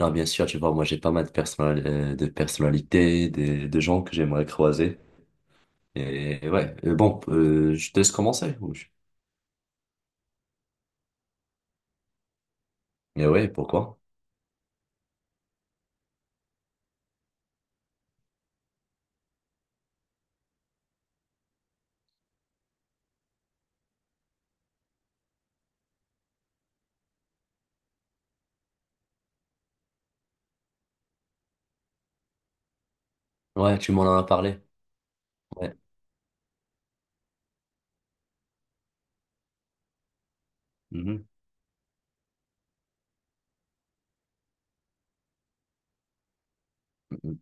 Non, bien sûr, tu vois, moi j'ai pas mal de, de personnalités, de gens que j'aimerais croiser. Et ouais. Je te laisse commencer. Mais ouais, pourquoi? Ouais, tu m'en as parlé. Ouais. Mhm. Mhm.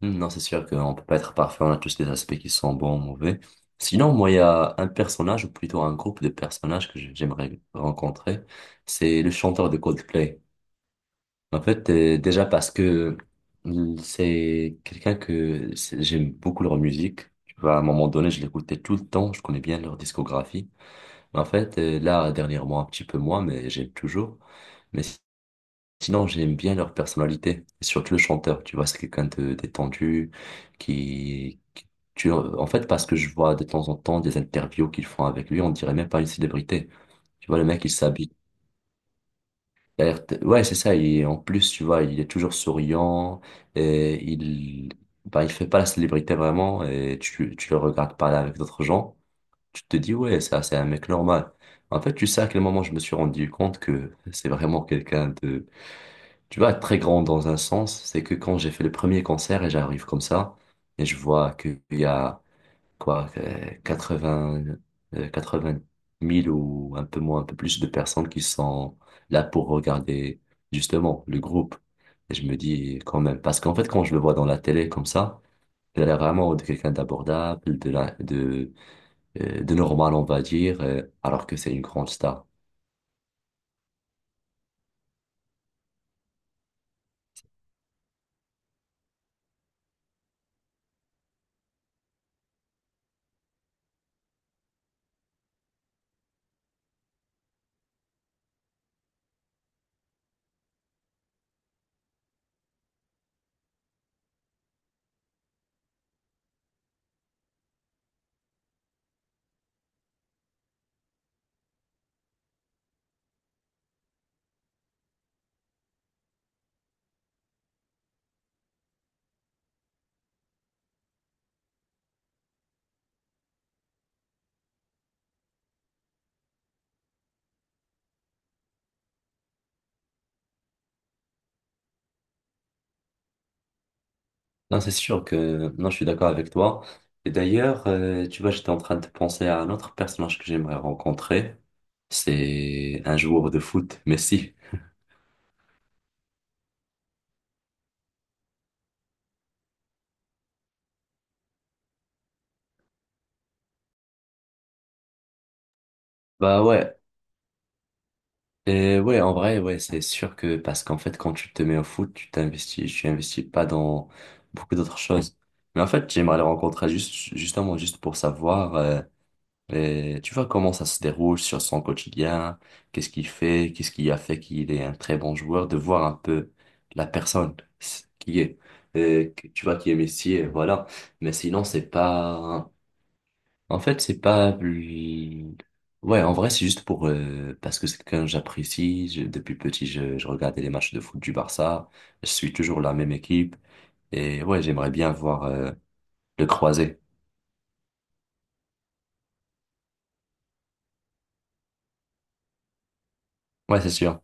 Mhm. Non, c'est sûr qu'on peut pas être parfait, on a tous des aspects qui sont bons, mauvais. Sinon, moi, il y a un personnage, ou plutôt un groupe de personnages que j'aimerais rencontrer, c'est le chanteur de Coldplay. En fait, déjà parce que c'est quelqu'un que c'est- j'aime beaucoup leur musique. Tu vois, à un moment donné, je l'écoutais tout le temps. Je connais bien leur discographie. Mais en fait, là, dernièrement, un petit peu moins, mais j'aime toujours. Mais si- Sinon, j'aime bien leur personnalité. Et surtout le chanteur. Tu vois, c'est quelqu'un de détendu qui, qui- tu, en fait, parce que je vois de temps en temps des interviews qu'ils font avec lui, on dirait même pas une célébrité. Tu vois, le mec, il s'habille, il a l'air ouais, c'est ça. Et en plus, tu vois, il est toujours souriant. Et il, bah, il fait pas la célébrité vraiment. Et tu le regardes parler avec d'autres gens. Tu te dis, ouais, ça, c'est un mec normal. En fait, tu sais à quel moment je me suis rendu compte que c'est vraiment quelqu'un de, tu vois, très grand dans un sens. C'est que quand j'ai fait le premier concert et j'arrive comme ça, et je vois qu'il y a quoi, 80, euh, vingt mille ou un peu moins, un peu plus de personnes qui sont là pour regarder justement le groupe. Et je me dis quand même, parce qu'en fait, quand je le vois dans la télé comme ça, il a l'air vraiment de quelqu'un d'abordable, de normal, on va dire, alors que c'est une grande star. Non, c'est sûr que, non, je suis d'accord avec toi. Et d'ailleurs, tu vois, j'étais en train de penser à un autre personnage que j'aimerais rencontrer. C'est un joueur de foot, Messi. Bah ouais. Et ouais, en vrai, ouais, c'est sûr que parce qu'en fait, quand tu te mets au foot, tu t'investis, tu investis pas dans beaucoup d'autres choses. Mais en fait, j'aimerais le rencontrer juste, justement, juste pour savoir, tu vois, comment ça se déroule sur son quotidien, qu'est-ce qu'il fait, qu'est-ce qui a fait qu'il est un très bon joueur, de voir un peu la personne qui est, tu vois, qui est Messi, et voilà. Mais sinon, c'est pas, en fait, c'est pas plus... Ouais, en vrai, c'est juste pour... parce que c'est quelqu'un que j'apprécie. Depuis petit, je regardais les matchs de foot du Barça. Je suis toujours la même équipe. Et ouais, j'aimerais bien voir, le croiser. Ouais, c'est sûr.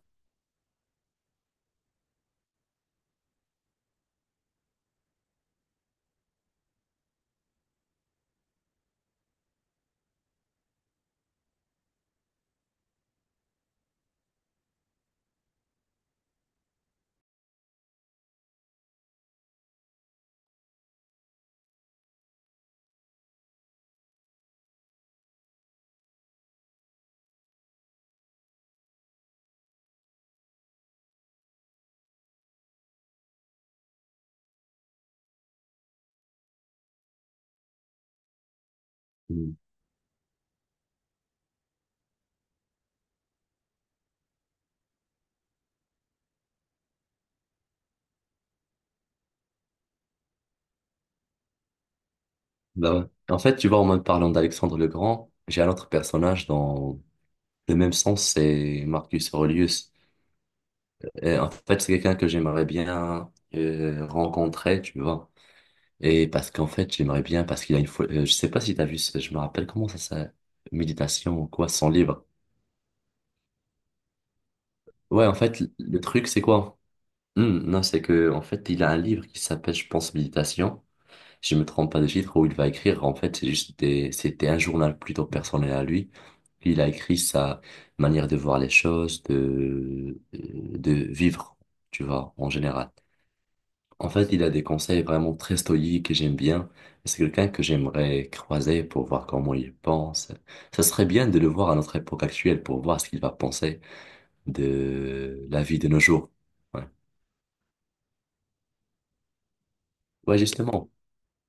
Mm. Bah ouais. En fait, tu vois, en même parlant d'Alexandre le Grand, j'ai un autre personnage dans le même sens, c'est Marcus Aurelius. Et en fait, c'est quelqu'un que j'aimerais bien rencontrer, tu vois. Et parce qu'en fait, j'aimerais bien, parce qu'il y a une fois, je sais pas si t'as vu, je me rappelle comment ça s'appelle, méditation ou quoi, sans livre. Ouais, en fait, le truc, c'est quoi? Hmm, non, c'est que, en fait, il a un livre qui s'appelle, je pense, Méditation. Je me trompe pas de titre où il va écrire. En fait, c'est juste c'était un journal plutôt personnel à lui. Il a écrit sa manière de voir les choses, de vivre, tu vois, en général. En fait, il a des conseils vraiment très stoïques et j'aime bien. C'est quelqu'un que j'aimerais croiser pour voir comment il pense. Ça serait bien de le voir à notre époque actuelle pour voir ce qu'il va penser de la vie de nos jours. Ouais. Ouais, justement.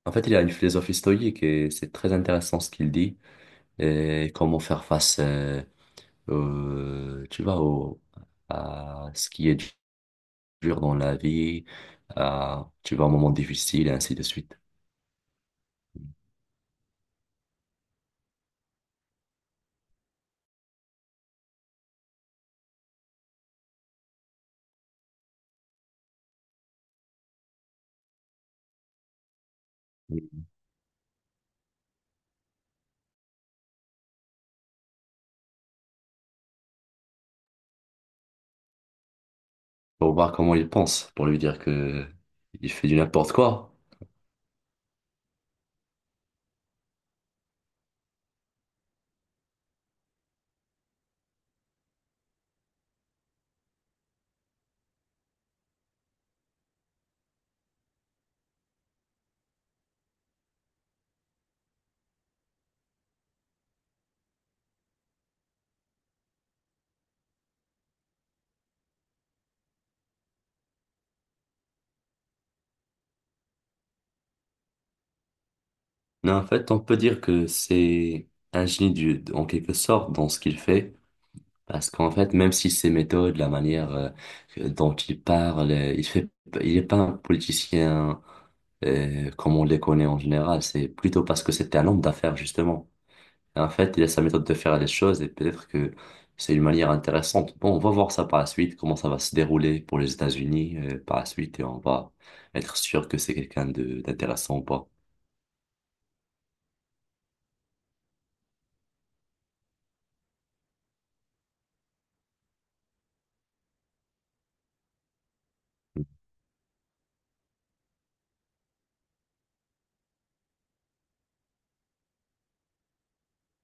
En fait, il a une philosophie stoïque et c'est très intéressant ce qu'il dit et comment faire face, au- tu vois, au- à ce qui est dur dans la vie, tu vas un moment difficile, et ainsi de suite. Pour voir comment il pense, pour lui dire que il fait du n'importe quoi. Non, en fait, on peut dire que c'est un génie en quelque sorte dans ce qu'il fait. Parce qu'en fait, même si ses méthodes, la manière dont il parle, il est pas un politicien comme on les connaît en général. C'est plutôt parce que c'était un homme d'affaires, justement. Et en fait, il a sa méthode de faire les choses et peut-être que c'est une manière intéressante. Bon, on va voir ça par la suite, comment ça va se dérouler pour les États-Unis par la suite et on va être sûr que c'est quelqu'un de d'intéressant ou pas.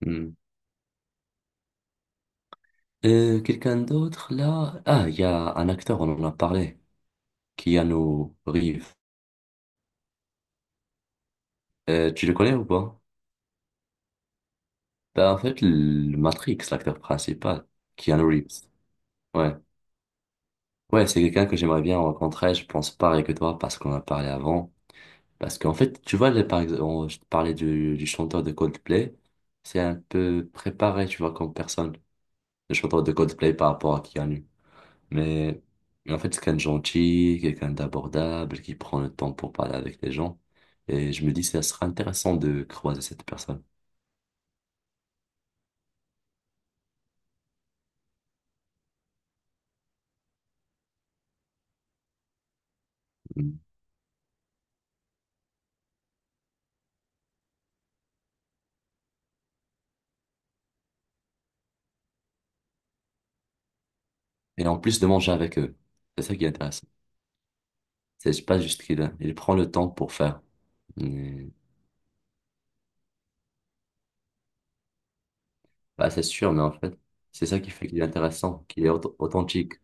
Hmm. Quelqu'un d'autre là? Ah, il y a un acteur, on en a parlé, Keanu Reeves. Tu le connais ou pas? Ben en fait, le Matrix, l'acteur principal, Keanu Reeves. Ouais. Ouais, c'est quelqu'un que j'aimerais bien rencontrer, je pense pareil que toi, parce qu'on a parlé avant. Parce qu'en fait, tu vois, je te parlais du chanteur de Coldplay, c'est un peu préparé, tu vois, comme personne, le chanteur de Coldplay par rapport à Keanu. Mais, mais en fait, c'est quelqu'un de gentil, quelqu'un d'abordable, qui prend le temps pour parler avec les gens. Et je me dis, ça serait intéressant de croiser cette personne. Et en plus de manger avec eux. C'est ça qui est intéressant. C'est pas juste qu'il il prend le temps pour faire. Mais- Bah, c'est sûr, mais en fait, c'est ça qui fait qu'il est intéressant, qu'il est authentique.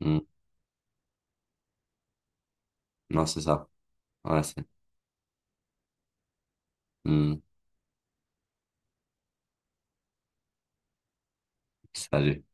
Hmm. Non, c'est ça. Ouais, c'est. Hmm. Salut.